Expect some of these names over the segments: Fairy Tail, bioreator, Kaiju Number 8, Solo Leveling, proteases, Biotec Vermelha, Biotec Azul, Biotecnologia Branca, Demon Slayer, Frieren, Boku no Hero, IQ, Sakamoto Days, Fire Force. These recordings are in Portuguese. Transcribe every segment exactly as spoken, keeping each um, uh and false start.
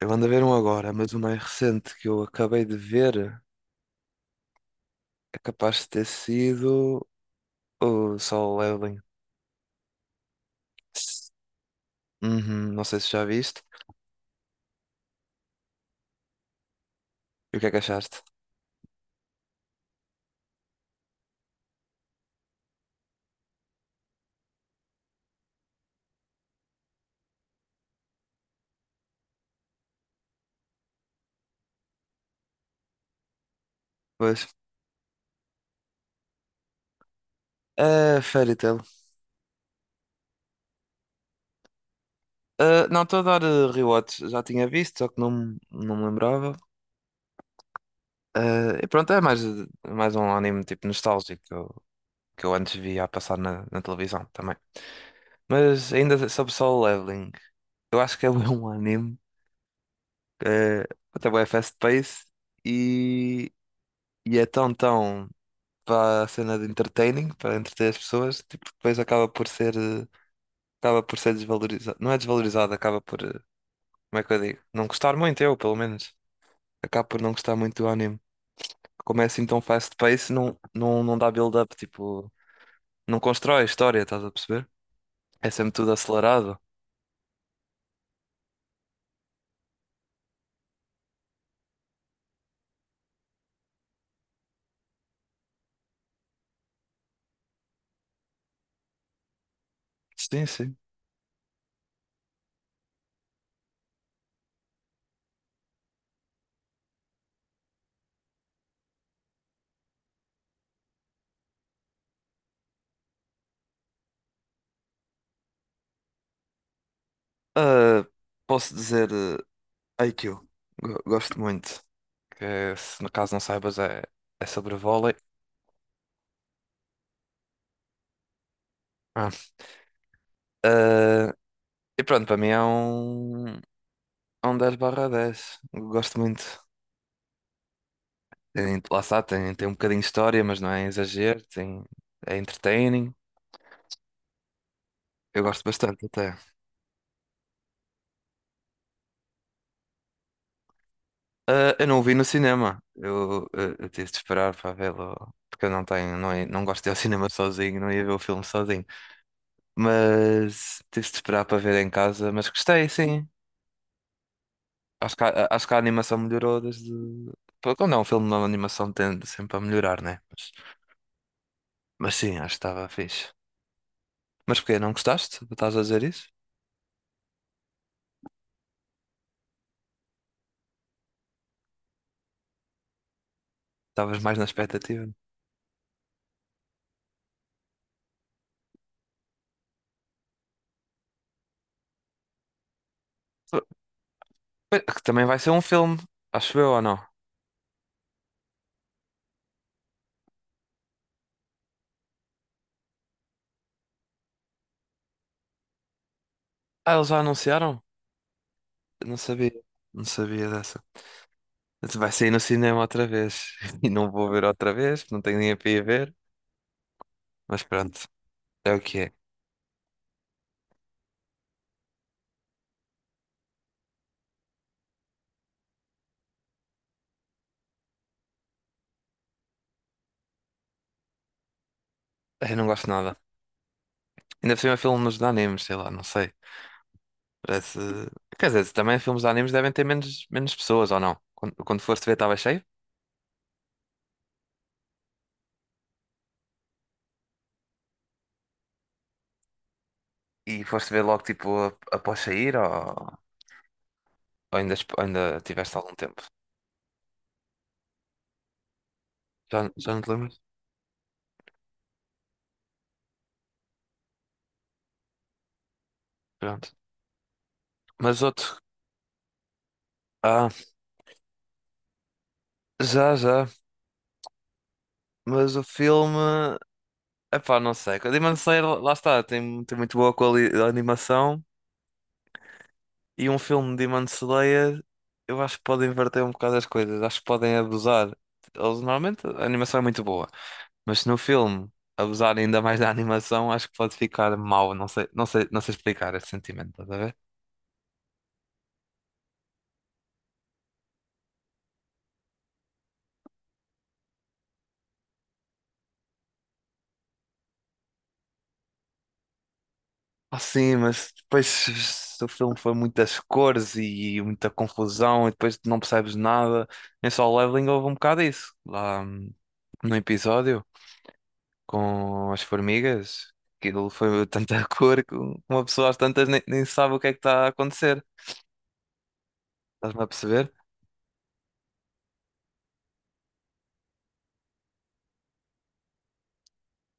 Eu ando a ver um agora, mas o mais recente que eu acabei de ver é capaz de ter sido o Sol Leveling. Uhum, não sei se já viste. E o que é que achaste? Pois. É, Fairy Tail. Ah, não, estou a dar eh, rewatch. Já tinha visto, só que não, me- não me lembrava. Ah, e pronto, é mais, mais um anime tipo nostálgico que eu, que eu antes via a passar na, na televisão também. Mas ainda sobre Solo Leveling, eu acho que é bué um anime. eh, Até bem fast-paced e E é tão, tão para a cena de entertaining, para entreter as pessoas, tipo, depois acaba por ser, eh, acaba por ser desvalorizado. Não é desvalorizado, acaba por, eh, como é que eu digo? Não gostar muito, eu, pelo menos. Acaba por não gostar muito do anime. Como é assim tão fast pace, não, não, não dá build-up, tipo, não constrói a história, estás a perceber? É sempre tudo acelerado. Sim, sim. Ah, posso dizer, eh, I Q. Go- Gosto muito. Que se no caso não saibas, é, é sobre vôlei. Ah. E pronto, para mim é um, é um dez barra dez. Eu gosto muito. Tem, lá está, tem, tem um bocadinho de história, mas não é exagero. Tem, é entertaining. Eu gosto bastante até. Ah, eu não o vi no cinema. Eu, eu, eu tive de esperar para vê-lo. Porque eu não tenho, não, é- não gosto de ir ao cinema sozinho, não ia ver o filme sozinho. Mas tive de esperar para ver em casa. Mas gostei, sim. Acho que a, acho que a animação melhorou desde. Pô, quando é um filme, uma animação tende sempre a melhorar, né? Mas, mas sim, acho que estava fixe. Mas porquê? Não gostaste? Estás a dizer isso? Estavas mais na expectativa. Pois, Que também vai ser um filme, acho eu ou não? Ah, eles já anunciaram? Eu não sabia. Não sabia dessa. Vai sair no cinema outra vez. E não vou ver outra vez, não tenho nem a para ir ver. Mas pronto, é o que é. Eu não gosto de nada. Ainda por cima é filmes de animes, sei lá, não sei. Parece. Quer dizer, também filmes de animes devem ter menos, menos pessoas ou não? Quando, quando foste ver, estava cheio? E foste ver logo tipo a- após sair ou, ou ainda, esp- ainda tiveste algum tempo? Já, já não te lembras? Pronto. Mas outro. Ah, já, já. Mas o filme. Epá, não sei. O Demon Slayer, lá está, tem, tem muito boa quali- animação. E um filme de Demon Slayer, eu acho que pode inverter um bocado as coisas. Acho que podem abusar. Eles, normalmente a animação é muito boa. Mas se no filme abusar ainda mais da animação, acho que pode ficar mau. Não sei, não sei, não sei explicar esse sentimento, estás a ver? Ah, sim, mas depois se o filme foi muitas cores e muita confusão e depois não percebes nada. Em Solo Leveling houve um bocado isso. Lá, hum, no episódio com as formigas, aquilo foi tanta cor que um, uma pessoa às tantas nem, nem sabe o que é que está a acontecer. Estás-me a perceber?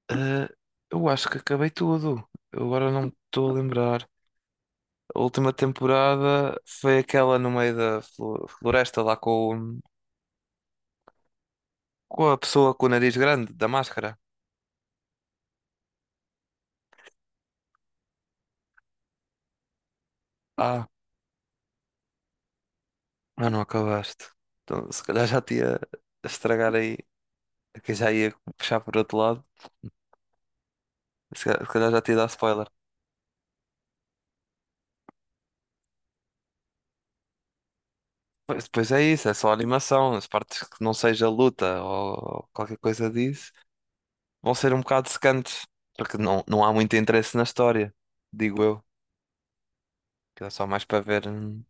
Ah, eu acho que acabei tudo. Eu agora não me estou a lembrar. A última temporada foi aquela no meio da flo- floresta lá com, o- com a pessoa com o nariz grande, da máscara. Ah, Ah, não acabaste. Então, se calhar já te ia estragar aí, que já ia puxar por outro lado. Se calhar, se calhar já te ia dar spoiler. Pois, depois é isso, é só animação. As partes que não seja luta ou qualquer coisa disso vão ser um bocado secantes, porque não, não há muito interesse na história, digo eu. Que é só mais para ver. Hum.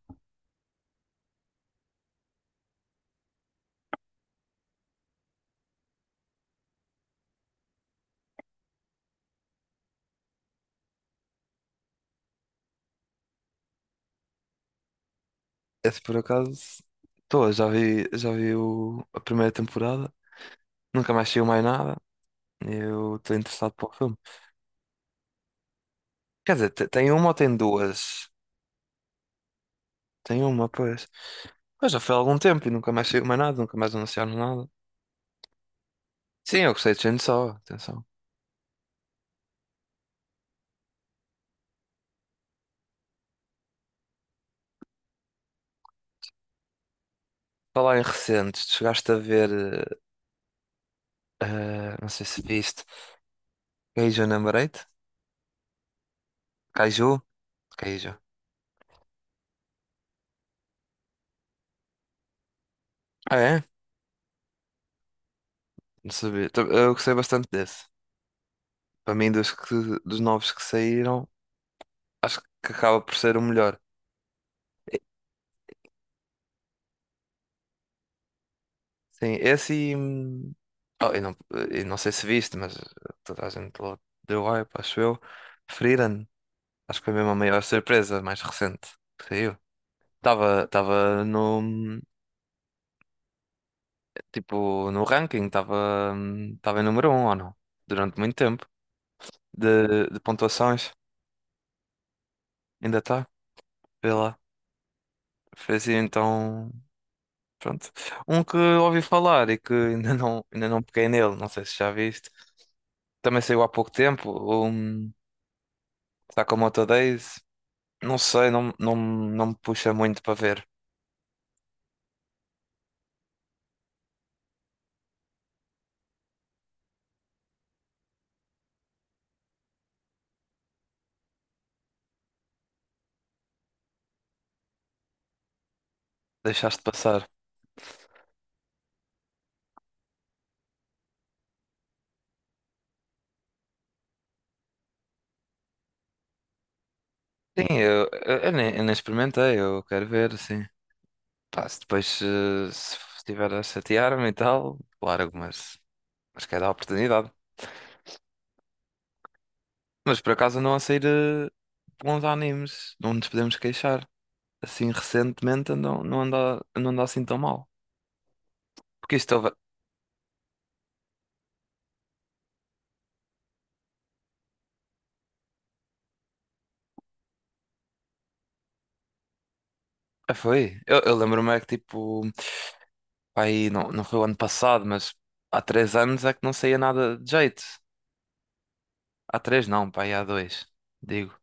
Esse por acaso, estou, já vi, já vi o- a primeira temporada, nunca mais saiu mais nada. Eu estou interessado para o filme. Quer dizer, te- tem uma ou tem duas? Tem uma, pois. Pois já foi há algum tempo e nunca mais saiu mais nada, nunca mais anunciaram nada. Sim, eu gostei de gente só, atenção. Falar em recentes, tu chegaste a ver, eh, eh, não sei se viste, Kaiju Number oito? Kaiju? Kaiju. Ah, é? Não sabia. Tam- Eu gostei bastante desse. Para mim, dos, que, dos novos que saíram, acho que acaba por ser o melhor. E- Sim, esse e. hum, Oh, eu não, eu não sei se viste, mas toda a gente lo- deu hype, acho eu. Frieren. Acho que foi mesmo a maior surpresa mais recente que saiu. Estava estava no tipo no ranking, estava estava em número um, ou não? Durante muito tempo de, de pontuações. Ainda está, vê lá. Fez então, pronto. Um que ouvi falar e que ainda não ainda não peguei nele, não sei se já viste. Também saiu há pouco tempo, o um, Sakamoto Days. Não sei, não, não, não me puxa muito para ver. Deixaste passar. Sim, eu, eu, eu nem, eu nem experimentei, eu quero ver, sim. Pá, se depois se, se estiver a chatear-me e tal, claro, mas, mas quer dar a oportunidade. Mas por acaso andam a sair eh, bons animes, não nos podemos queixar. Assim, recentemente andam, não anda, não anda assim tão mal. Porque isto houve- ah, foi. Eu, eu lembro-me é que tipo, pá, aí não, não foi o ano passado, mas há três anos é que não saía nada de jeito. Há três não, pá, aí há dois, digo.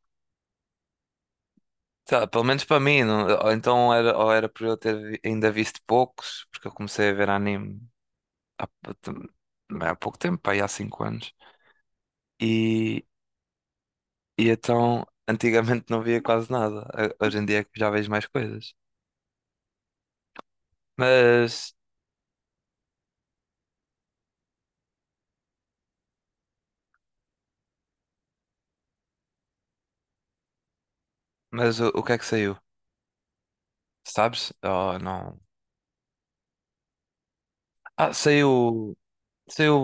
Sei lá, pelo menos para mim, não- ou então era, ou era por eu ter vi- ainda visto poucos, porque eu comecei a ver anime. Há, também há pouco tempo, pá, aí há cinco anos. E, e então, antigamente não via quase nada. A- Hoje em dia é que já vejo mais coisas. Mas, mas o, o que é que saiu? Sabes? Oh, não. Ah, saiu. Saiu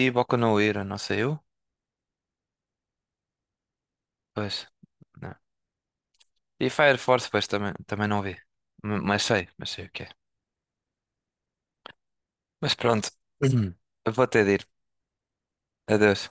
e Boku no Hero, não saiu? Pois. Não. E Fire Force, pois também, também não vi. M- Mas sei, mas sei o que é. Mas pronto. Vou ter de ir. Adeus.